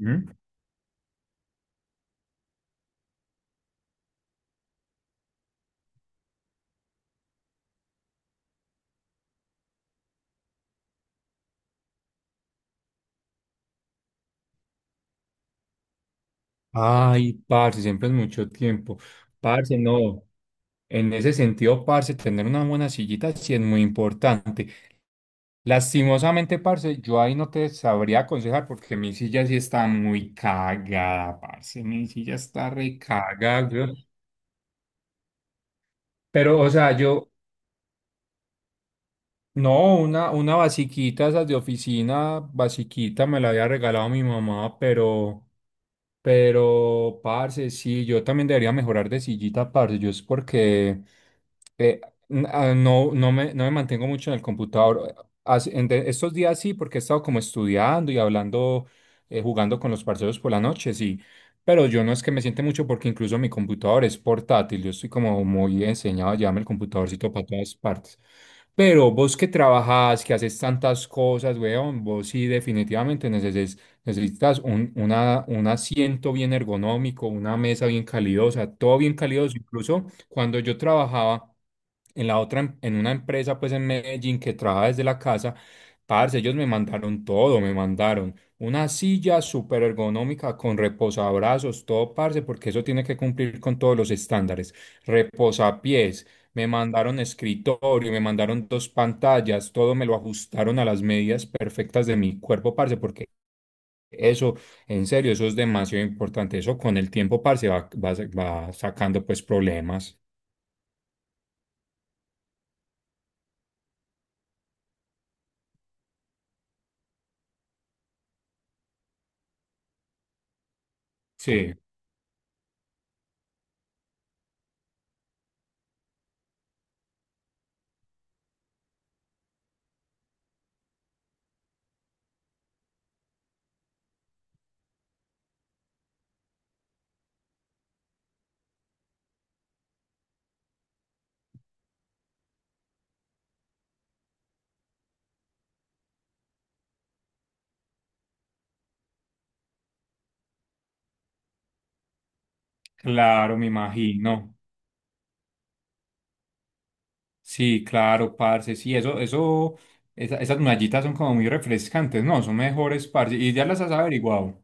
Ujú. Ay, parce, siempre es mucho tiempo. Parce, no. En ese sentido, parce, tener una buena sillita sí es muy importante. Lastimosamente, parce, yo ahí no te sabría aconsejar porque mi silla sí está muy cagada, parce. Mi silla está recagada, weón. Pero, o sea, yo, no, una basiquita, esas de oficina, basiquita, me la había regalado mi mamá, pero. Pero, parce, sí, yo también debería mejorar de sillita, parce. Yo es porque eh, no, no me mantengo mucho en el computador. Estos días sí, porque he estado como estudiando y hablando, jugando con los parceros por la noche, sí. Pero yo no es que me siente mucho porque incluso mi computador es portátil. Yo estoy como muy enseñado a llevarme el computadorcito para todas partes. Pero vos que trabajás, que haces tantas cosas, weón, vos sí definitivamente necesitas un, un asiento bien ergonómico, una mesa bien calidosa, todo bien calidoso. Incluso cuando yo trabajaba en la otra, en una empresa pues en Medellín que trabajaba desde la casa, parce, ellos me mandaron todo, me mandaron una silla súper ergonómica con reposabrazos, todo parce, porque eso tiene que cumplir con todos los estándares. Reposapiés, me mandaron escritorio, me mandaron dos pantallas, todo me lo ajustaron a las medidas perfectas de mi cuerpo, parce, porque eso, en serio, eso es demasiado importante. Eso con el tiempo, parce, va sacando pues problemas. Sí, claro, me imagino. Sí, claro, parce. Sí, eso, esas mallitas son como muy refrescantes, ¿no? Son mejores, parce. Y ya las has averiguado.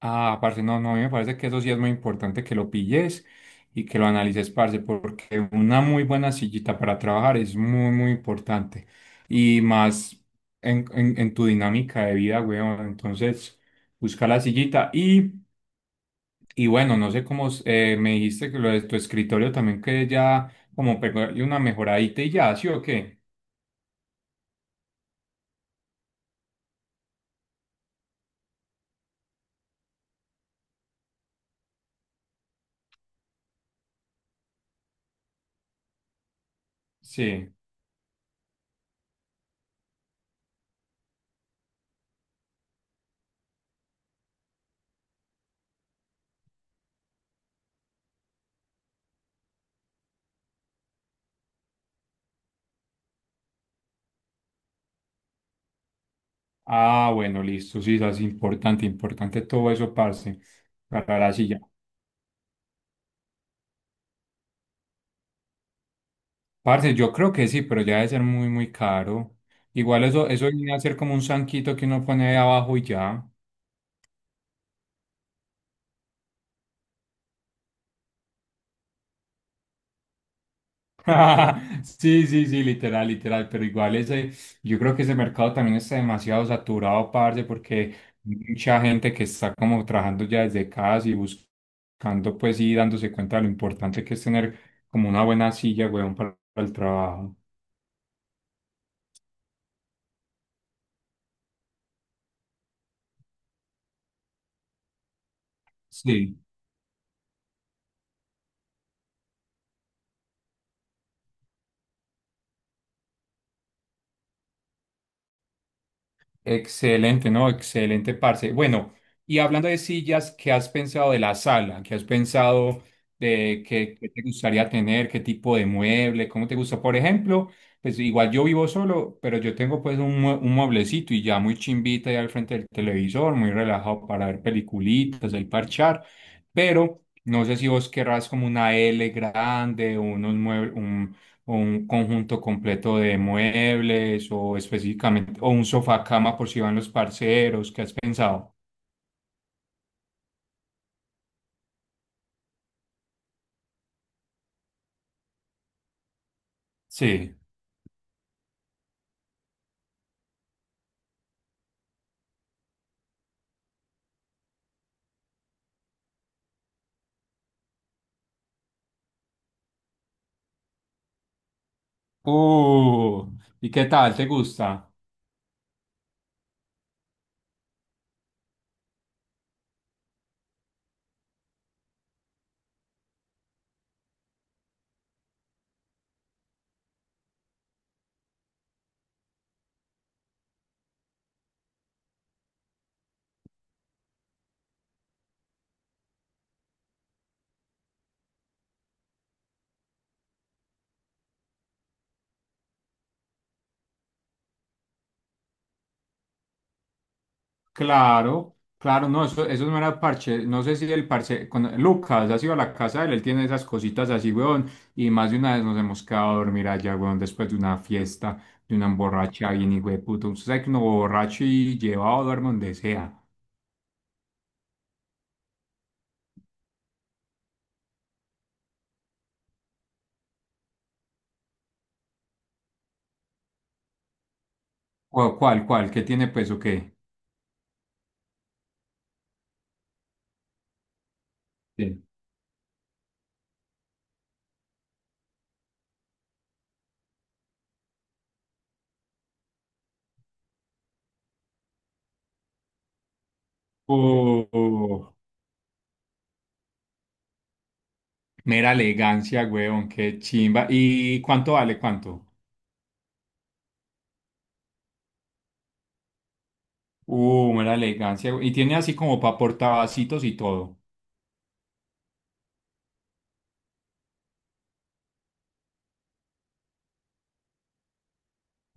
Ah, parce, no, no, a mí me parece que eso sí es muy importante que lo pilles y que lo analices, parce, porque una muy buena sillita para trabajar es muy, muy importante. Y más en tu dinámica de vida, weón. Entonces, busca la sillita y bueno, no sé cómo me dijiste que lo de tu escritorio también que ya como pegarle una mejoradita y ya, ¿sí o qué? Sí. Ah, bueno, listo, sí, eso es importante, importante todo eso, parce, para la silla. Parce, yo creo que sí, pero ya debe ser muy, muy caro. Igual eso, eso viene a ser como un zanquito que uno pone ahí abajo y ya. Sí, sí, sí, literal, literal. Pero igual ese, yo creo que ese mercado también está demasiado saturado, parce, porque mucha gente que está como trabajando ya desde casa y buscando, pues, y dándose cuenta de lo importante que es tener como una buena silla, weón, para el trabajo. Sí. Excelente, ¿no? Excelente, parce. Bueno, y hablando de sillas, ¿qué has pensado de la sala? ¿Qué has pensado de qué, qué te gustaría tener? ¿Qué tipo de mueble? ¿Cómo te gusta? Por ejemplo, pues igual yo vivo solo, pero yo tengo pues un, un mueblecito y ya muy chimbita ahí al frente del televisor, muy relajado para ver peliculitas, ahí parchar, pero no sé si vos querrás como una L grande, unos muebles, o un conjunto completo de muebles o específicamente, o un sofá cama por si van los parceros, ¿qué has pensado? Sí. Uh, ¿Y qué tal? ¿Te gusta? Claro, claro, no, eso no era parche, no sé si el parche, con, Lucas, ha sido a la casa de él, él tiene esas cositas así, weón, y más de una vez nos hemos quedado a dormir allá, weón, después de una fiesta, de una borracha bien, hijo de puto, usted sabe que uno borracho y llevado duerme donde sea. ¿Cuál, cuál, cuál? ¿Qué tiene pues o qué? Sí. Uh, mera elegancia, weón, qué chimba. ¿Y cuánto vale? ¿Cuánto? Mera elegancia. We- Y tiene así como para portavacitos y todo.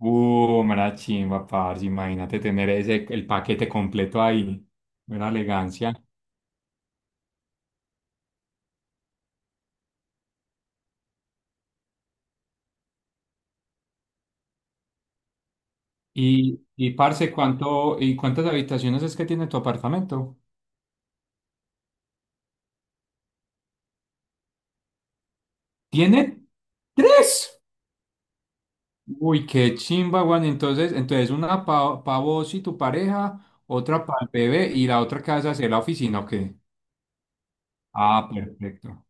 Mera chimba, parce. Imagínate tener ese, el paquete completo ahí. Mera elegancia. Y parce, ¿cuánto, y cuántas habitaciones es que tiene tu apartamento? ¿Tiene tres? Uy, qué chimba, weón. Entonces, entonces una para vos y tu pareja, otra para el bebé y la otra casa hacer la oficina, ¿ok? Ah, perfecto.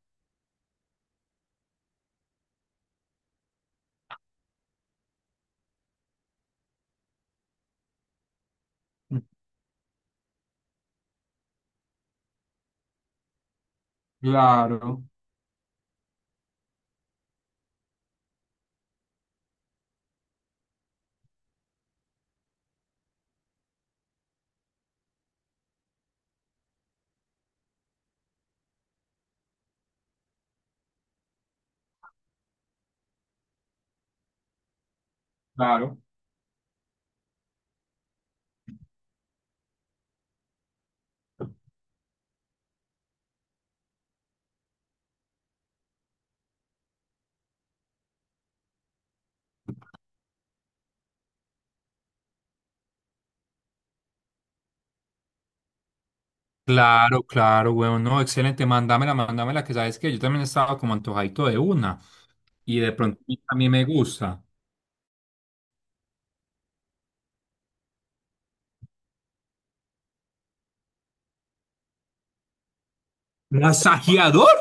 Claro, claro. Claro, claro, weón, no, excelente, mándamela, mándamela, que sabes que yo también estaba como antojadito de una, y de pronto a mí me gusta. ¿Masajeador?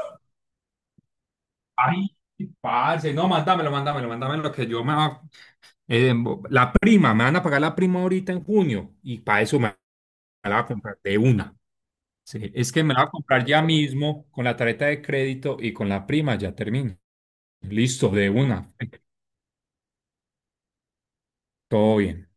Ay, sí, parce, no, mándamelo, mándamelo, mándamelo, que yo me va, eh, la prima, me van a pagar la prima ahorita en junio, y para eso me, me la va a comprar de una. Sí, es que me la va a comprar ya mismo, con la tarjeta de crédito y con la prima, ya termino. Listo, de una, todo bien.